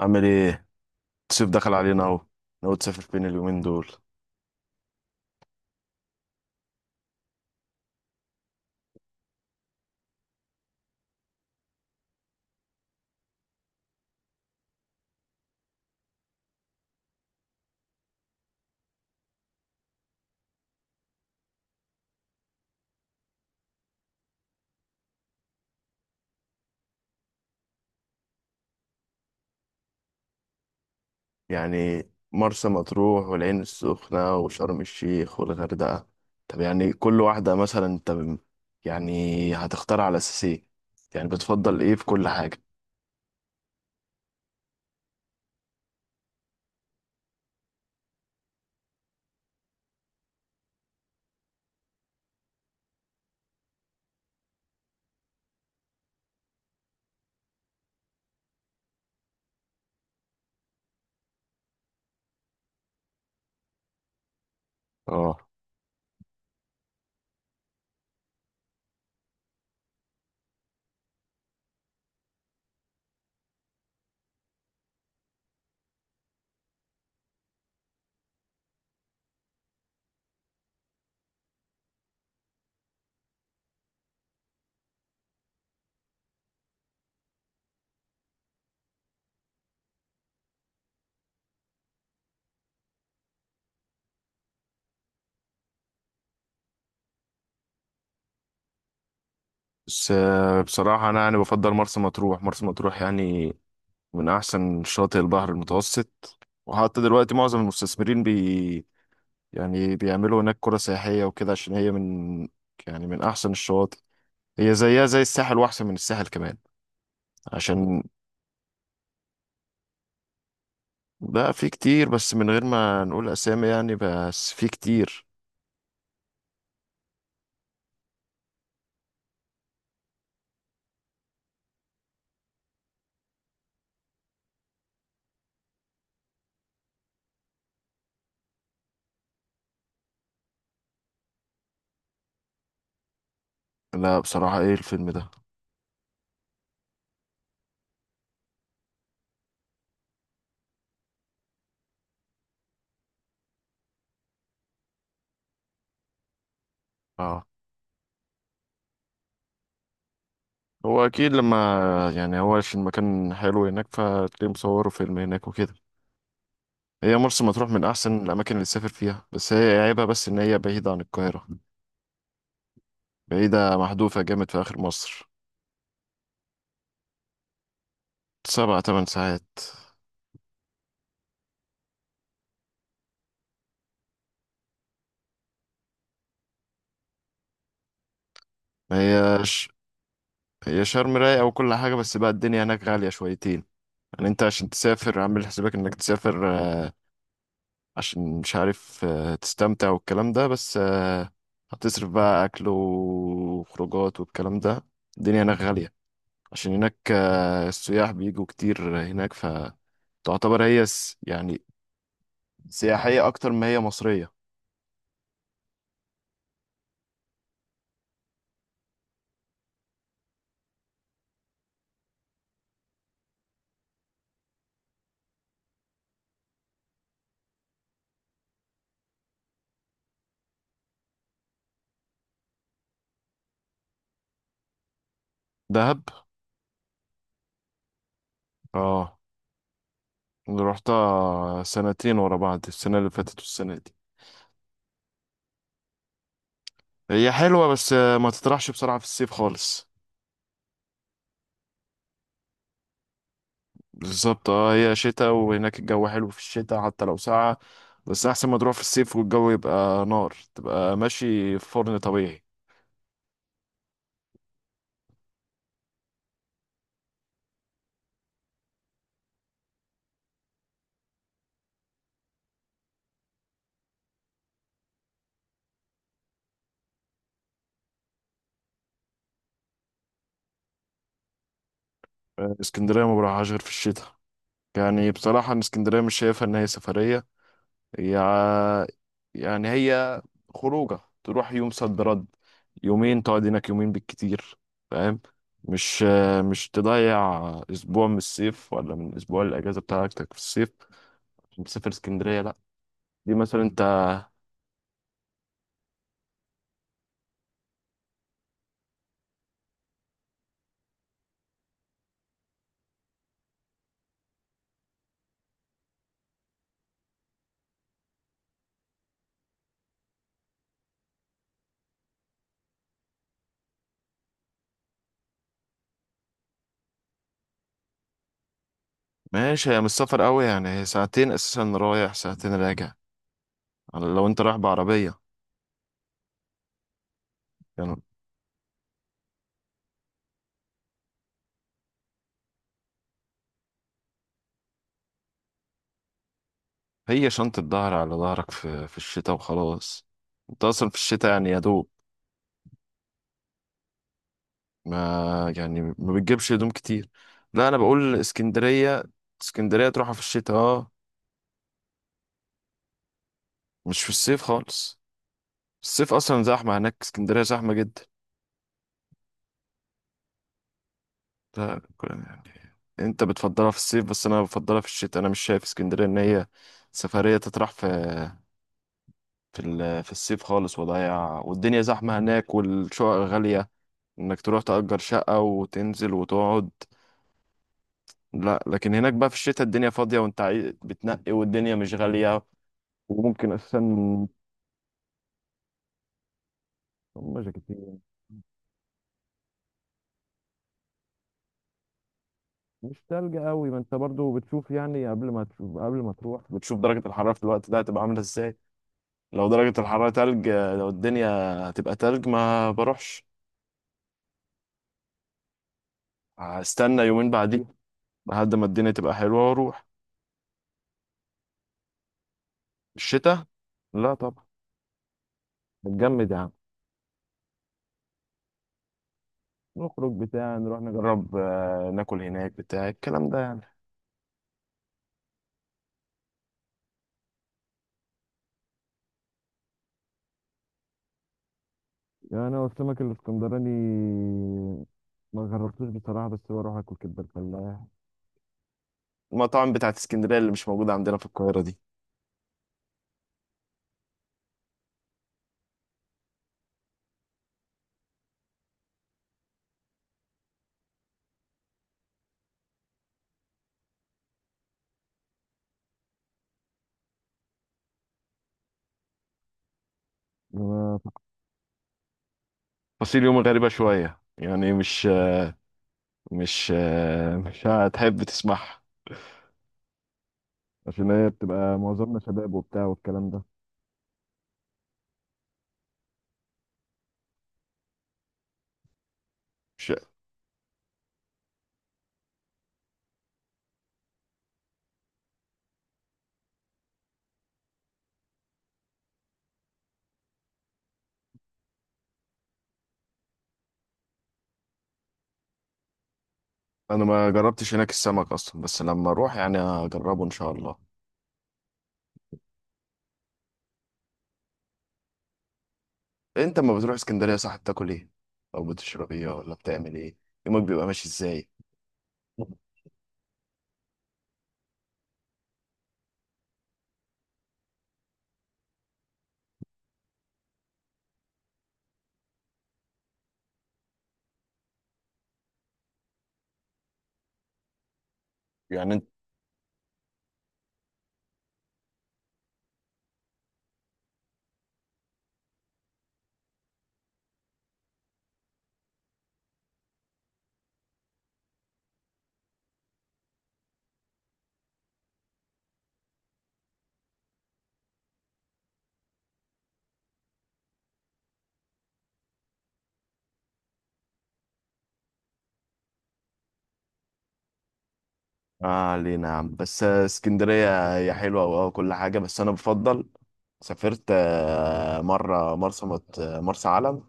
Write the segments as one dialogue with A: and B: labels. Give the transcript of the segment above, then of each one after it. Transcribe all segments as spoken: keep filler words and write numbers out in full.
A: عامل ايه؟ الصيف دخل علينا اهو. ناوي تسافر فين اليومين دول؟ يعني مرسى مطروح والعين السخنة وشرم الشيخ والغردقة. طب يعني كل واحدة مثلا انت ب- يعني هتختار على اساس ايه؟ يعني بتفضل ايه في كل حاجة؟ اه، بس آه، بصراحة انا يعني بفضل مرسى مطروح، مرسى مطروح يعني من احسن شاطئ البحر المتوسط. وحتى دلوقتي معظم المستثمرين بي يعني بيعملوا هناك قرى سياحية وكده عشان هي من يعني من احسن الشواطئ. هي زيها زي الساحل واحسن من الساحل كمان عشان. لا، في كتير بس من غير ما نقول اسامي، يعني بس في كتير. لا بصراحة ايه الفيلم ده؟ اه، هو اكيد لما، يعني هو عشان المكان حلو هناك فتلاقيه مصوره فيلم هناك وكده. هي مرسى مطروح من احسن الاماكن اللي تسافر فيها، بس هي عيبها بس ان هي بعيدة عن القاهرة. بعيدة محذوفة جامد، في اخر مصر. سبع تمن ساعات. ما هيش، هي شرم رايقة وكل حاجة، بس بقى الدنيا هناك غالية شويتين. يعني انت عشان تسافر عامل حسابك انك تسافر آه، عشان مش عارف آه، تستمتع والكلام ده، بس آه، هتصرف بقى أكل وخروجات والكلام ده. الدنيا هناك غالية عشان هناك آه، السياح بيجوا كتير هناك، فتعتبر هي س- يعني سياحية أكتر ما هي مصرية. دهب؟ اه، اللي رحتها سنتين ورا بعض، السنة اللي فاتت والسنة دي. هي حلوة بس آه، ما تطرحش بسرعة في الصيف خالص. بالظبط، اه، هي شتاء، وهناك الجو حلو في الشتاء حتى لو ساقعة. بس أحسن ما تروح في الصيف والجو يبقى نار، تبقى ماشي في فرن طبيعي. آه، اسكندرية ما بروحهاش غير في الشتاء. يعني بصراحة أنا اسكندرية مش شايفها إن هي سفرية. هي ع- يعني هي خروجة، تروح يوم صد رد، يومين تقعد هناك، يومين بالكتير. فاهم؟ مش آه، مش تضيع أسبوع من الصيف ولا من أسبوع الأجازة بتاعتك في الصيف عشان تسافر اسكندرية، لأ. دي مثلا أنت. ماشي، هي مش سفر قوي يعني، هي ساعتين اساسا رايح ساعتين راجع على- لو انت رايح بعربية. يعني هي شنطة ظهر على ظهرك في في الشتاء وخلاص. انت اصلا في الشتاء يعني يا دوب، ما يعني ما بتجيبش هدوم كتير. لا انا بقول اسكندرية. اسكندرية تروحها في الشتاء، اه، مش في الصيف خالص. الصيف اصلا زحمة هناك، اسكندرية زحمة جدا. لا يعني انت بتفضلها في الصيف، بس انا بفضلها في الشتاء. انا مش شايف اسكندرية ان هي سفرية تطرح في في ال- في الصيف خالص، وضايع والدنيا زحمة هناك والشقق غالية، انك تروح تأجر شقة وتنزل وتقعد. لا، لكن هناك بقى في الشتاء الدنيا فاضية، وانت عاي- بتنقي والدنيا مش غالية. وممكن اساسا هم. جاكيتين. مش تلج قوي، ما انت برضو بتشوف، يعني قبل ما تشوف، قبل ما تروح بتشوف درجة الحرارة في الوقت ده هتبقى عاملة ازاي. لو درجة الحرارة تلج، لو الدنيا هتبقى تلج، ما بروحش. هستنى يومين بعدين لحد ما الدنيا تبقى حلوة واروح. الشتاء؟ لا طبعا، نتجمد يا عم. نخرج بتاع، نروح نجرب آه، ناكل هناك بتاع، الكلام ده يعني. يعني انا والسمك الاسكندراني ما جربتوش بصراحه، بس بروح اكل كبده الفلاح، المطاعم بتاعت اسكندرية اللي مش موجودة عندنا في القاهرة دي. أنا- فصيل يومي غريبة شوية يعني، مش مش آه، مش هتحب تسمعها، عشان هي بتبقى معظمنا شباب وبتاع والكلام ده. مش- انا ما جربتش هناك السمك اصلا، بس لما اروح يعني هجربه ان شاء الله. انت لما بتروح اسكندريه، صح، بتاكل ايه او بتشرب ايه، ولا بتعمل ايه؟ يومك بيبقى ماشي ازاي؟ يعني انت. اه، علينا يا عم. بس اسكندريه هي حلوه وكل حاجه، بس انا بفضل. سافرت آه، مره مرسى مط- آه، مرسى علم،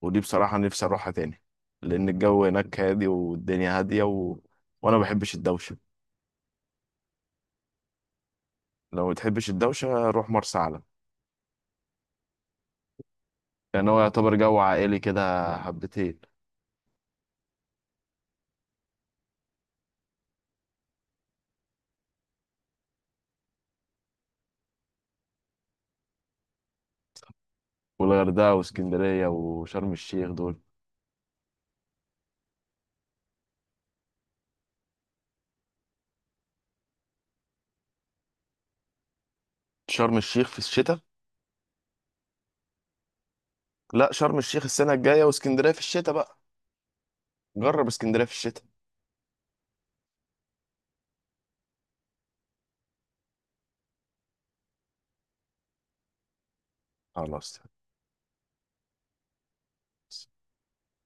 A: ودي بصراحه نفسي اروحها تاني، لان الجو هناك هادي والدنيا هاديه و... وانا ما بحبش الدوشه. لو ما تحبش الدوشة، روح مرسى علم. يعني هو يعتبر جو عائلي كده. حبتين. والغردقة واسكندرية وشرم الشيخ دول؟ شرم الشيخ في الشتاء؟ لا، شرم الشيخ السنة الجاية، واسكندرية في الشتاء بقى. جرب اسكندرية في الشتاء. خلاص.